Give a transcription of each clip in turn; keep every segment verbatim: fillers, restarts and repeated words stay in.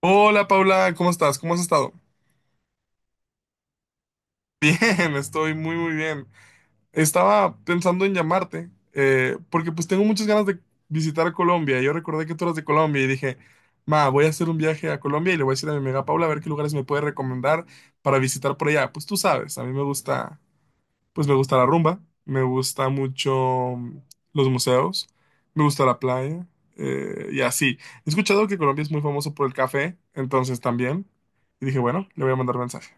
Hola Paula, ¿cómo estás? ¿Cómo has estado? Bien, estoy muy muy bien. Estaba pensando en llamarte eh, porque pues tengo muchas ganas de visitar Colombia. Yo recordé que tú eras de Colombia y dije, ma, voy a hacer un viaje a Colombia y le voy a decir a mi amiga Paula a ver qué lugares me puede recomendar para visitar por allá. Pues tú sabes, a mí me gusta, pues me gusta la rumba, me gusta mucho mm, los museos, me gusta la playa eh, y así. He escuchado que Colombia es muy famoso por el café, entonces también. Y dije, bueno, le voy a mandar mensaje.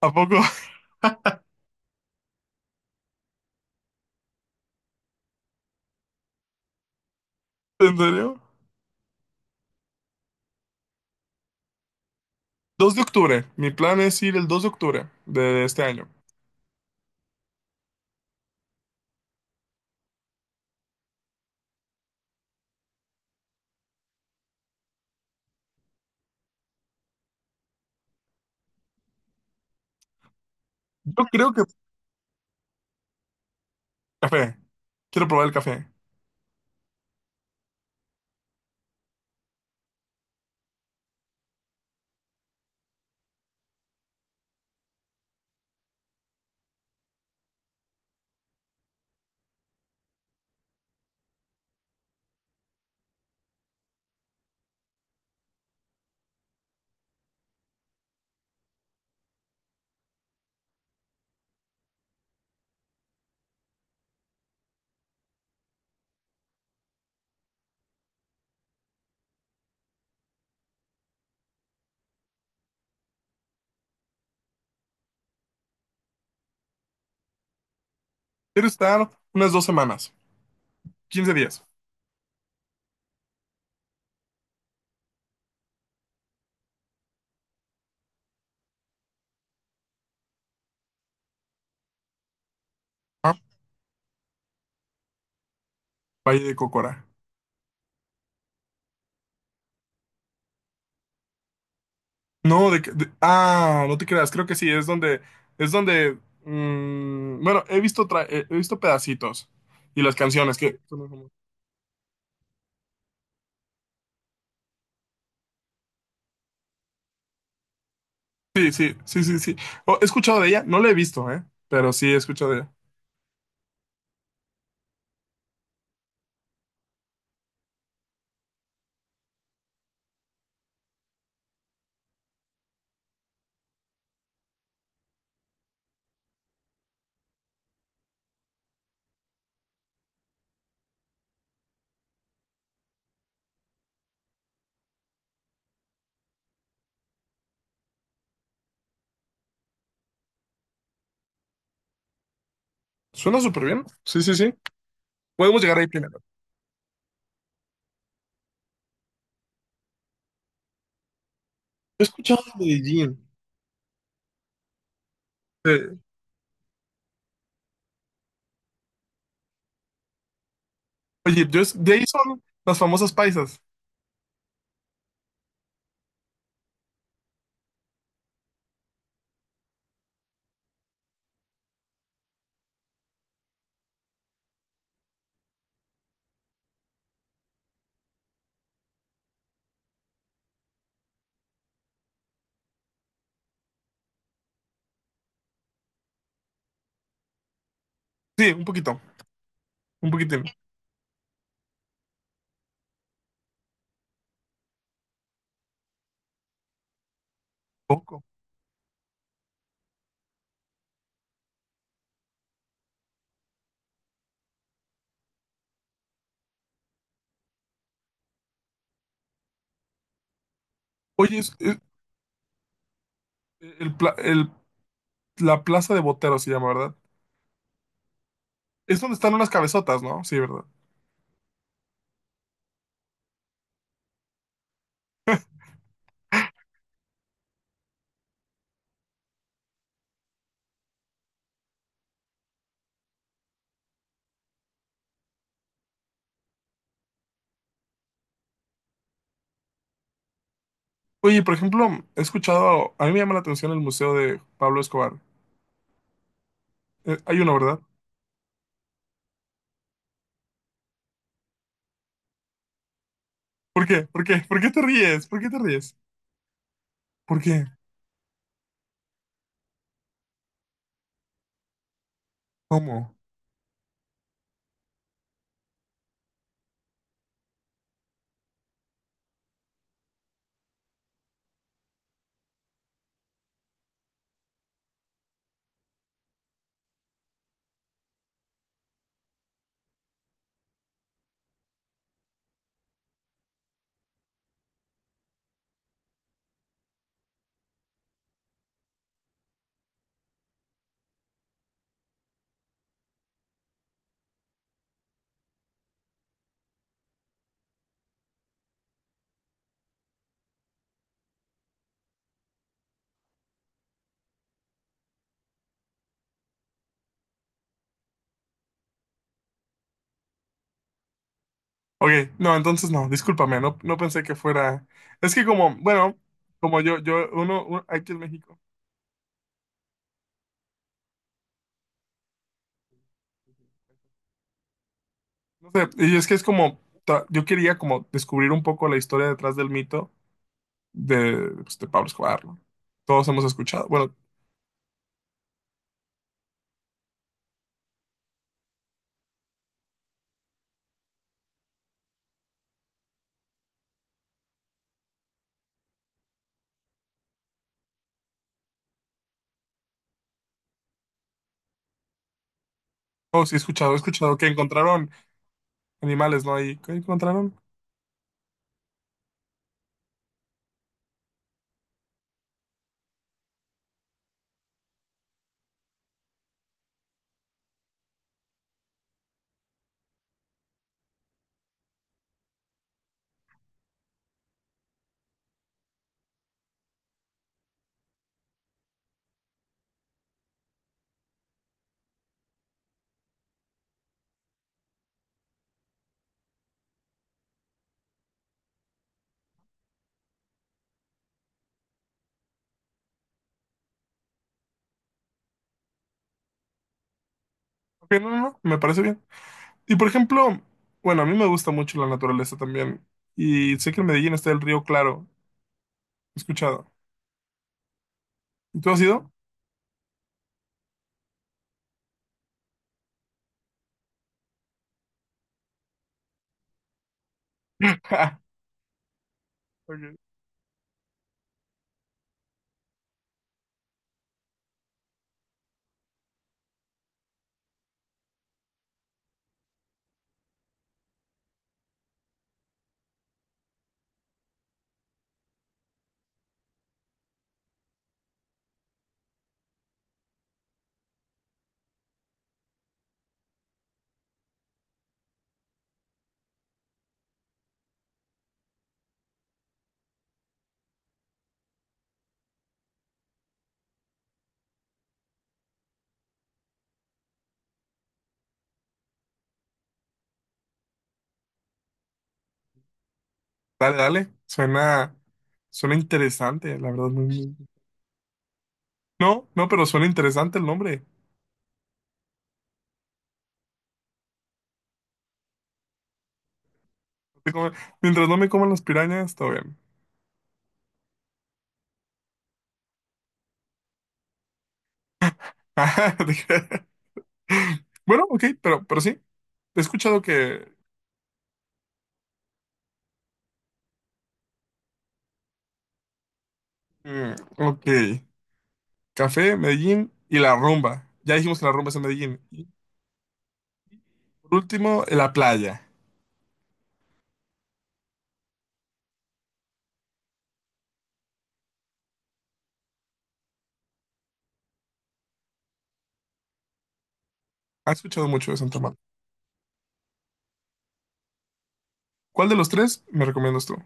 ¿A poco? ¿En serio? Dos de octubre. Mi plan es ir el dos de octubre de este año. Yo creo que... Café. Quiero probar el café. Quiero estar unas dos semanas, quince días. Ah, Valle de Cocora. No, de, de- Ah, no te creas. Creo que sí. Es donde... Es donde... mm, bueno, he visto, tra- he he visto pedacitos. Y las canciones que... Sí, sí, sí, sí, sí. Oh, he escuchado de ella. No la he visto, ¿eh? Pero sí he escuchado de ella. Suena súper bien. Sí, sí, sí. Podemos llegar ahí primero. He escuchado de Medellín. Eh, oye, yo es- de ahí son las famosas paisas. Sí, un poquito, un poquitín, poco. Oye, es, es- el, pla- el- la plaza de Botero se llama, ¿verdad? Es donde están unas cabezotas, ¿no? Sí, ¿verdad? Oye, por ejemplo, he escuchado, a mí me llama la atención el museo de Pablo Escobar. Eh, hay uno, ¿verdad? ¿Por qué? ¿Por qué? ¿Por qué te ríes? ¿Por qué te ríes? ¿Por qué? ¿Cómo? Ok, no, entonces no, discúlpame, no, no pensé que fuera. Es que como, bueno, como yo, yo, uno, un- aquí en México. No sé, y es que es como, ta- yo quería como descubrir un poco la historia detrás del mito de, pues, de Pablo Escobar, ¿no? Todos hemos escuchado, bueno, oh, sí he escuchado, he escuchado que encontraron animales, ¿no? Ahí, ¿qué encontraron? Ok, no, no, no, me parece bien. Y por ejemplo, bueno, a mí me gusta mucho la naturaleza también. Y sé que en Medellín está el río Claro, he escuchado. ¿Y tú has ido? Ok. Dale, dale, suena, suena interesante, la verdad. muy- muy- No, no, pero suena interesante el nombre. Te come- Mientras no me coman las pirañas, todo bien. Dije, bueno, ok, pero, pero sí. He escuchado que. Mm, ok. Café, Medellín y la rumba. Ya dijimos que la rumba es en Medellín. Y por último, la playa. ¿Has escuchado mucho de Santa Marta? ¿Cuál de los tres me recomiendas tú?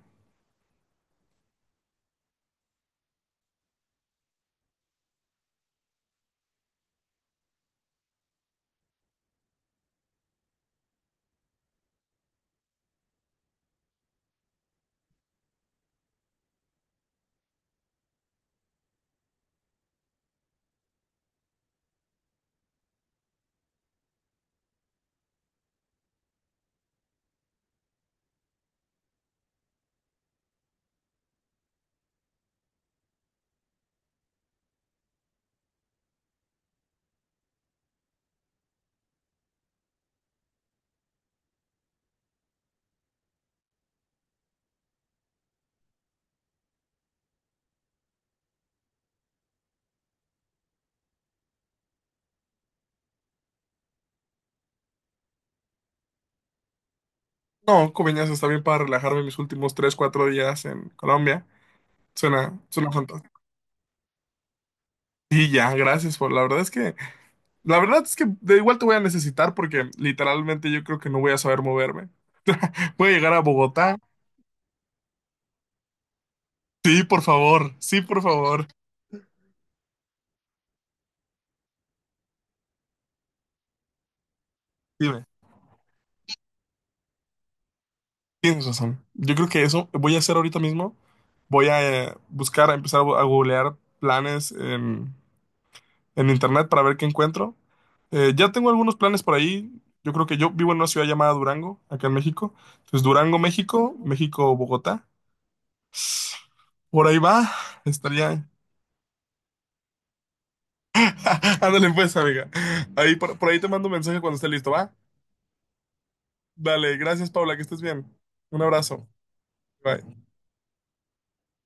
No, Coveñas está bien para relajarme mis últimos tres, cuatro días en Colombia. Suena, suena fantástico. Y ya, gracias por. La verdad es que. La verdad es que de igual te voy a necesitar porque literalmente yo creo que no voy a saber moverme. Puede llegar a Bogotá. Sí, por favor, sí, por favor. Dime, tienes razón. Yo creo que eso voy a hacer ahorita mismo. Voy a eh, buscar, a empezar a bu- a googlear planes en, en internet para ver qué encuentro. Eh, ya tengo algunos planes por ahí. Yo creo que yo vivo en una ciudad llamada Durango, acá en México. Entonces, Durango, México, México, Bogotá. Por ahí va, estaría. Ándale pues, amiga. Ahí por, por ahí te mando un mensaje cuando esté listo, ¿va? Dale, gracias, Paula, que estés bien. Un abrazo. Bye.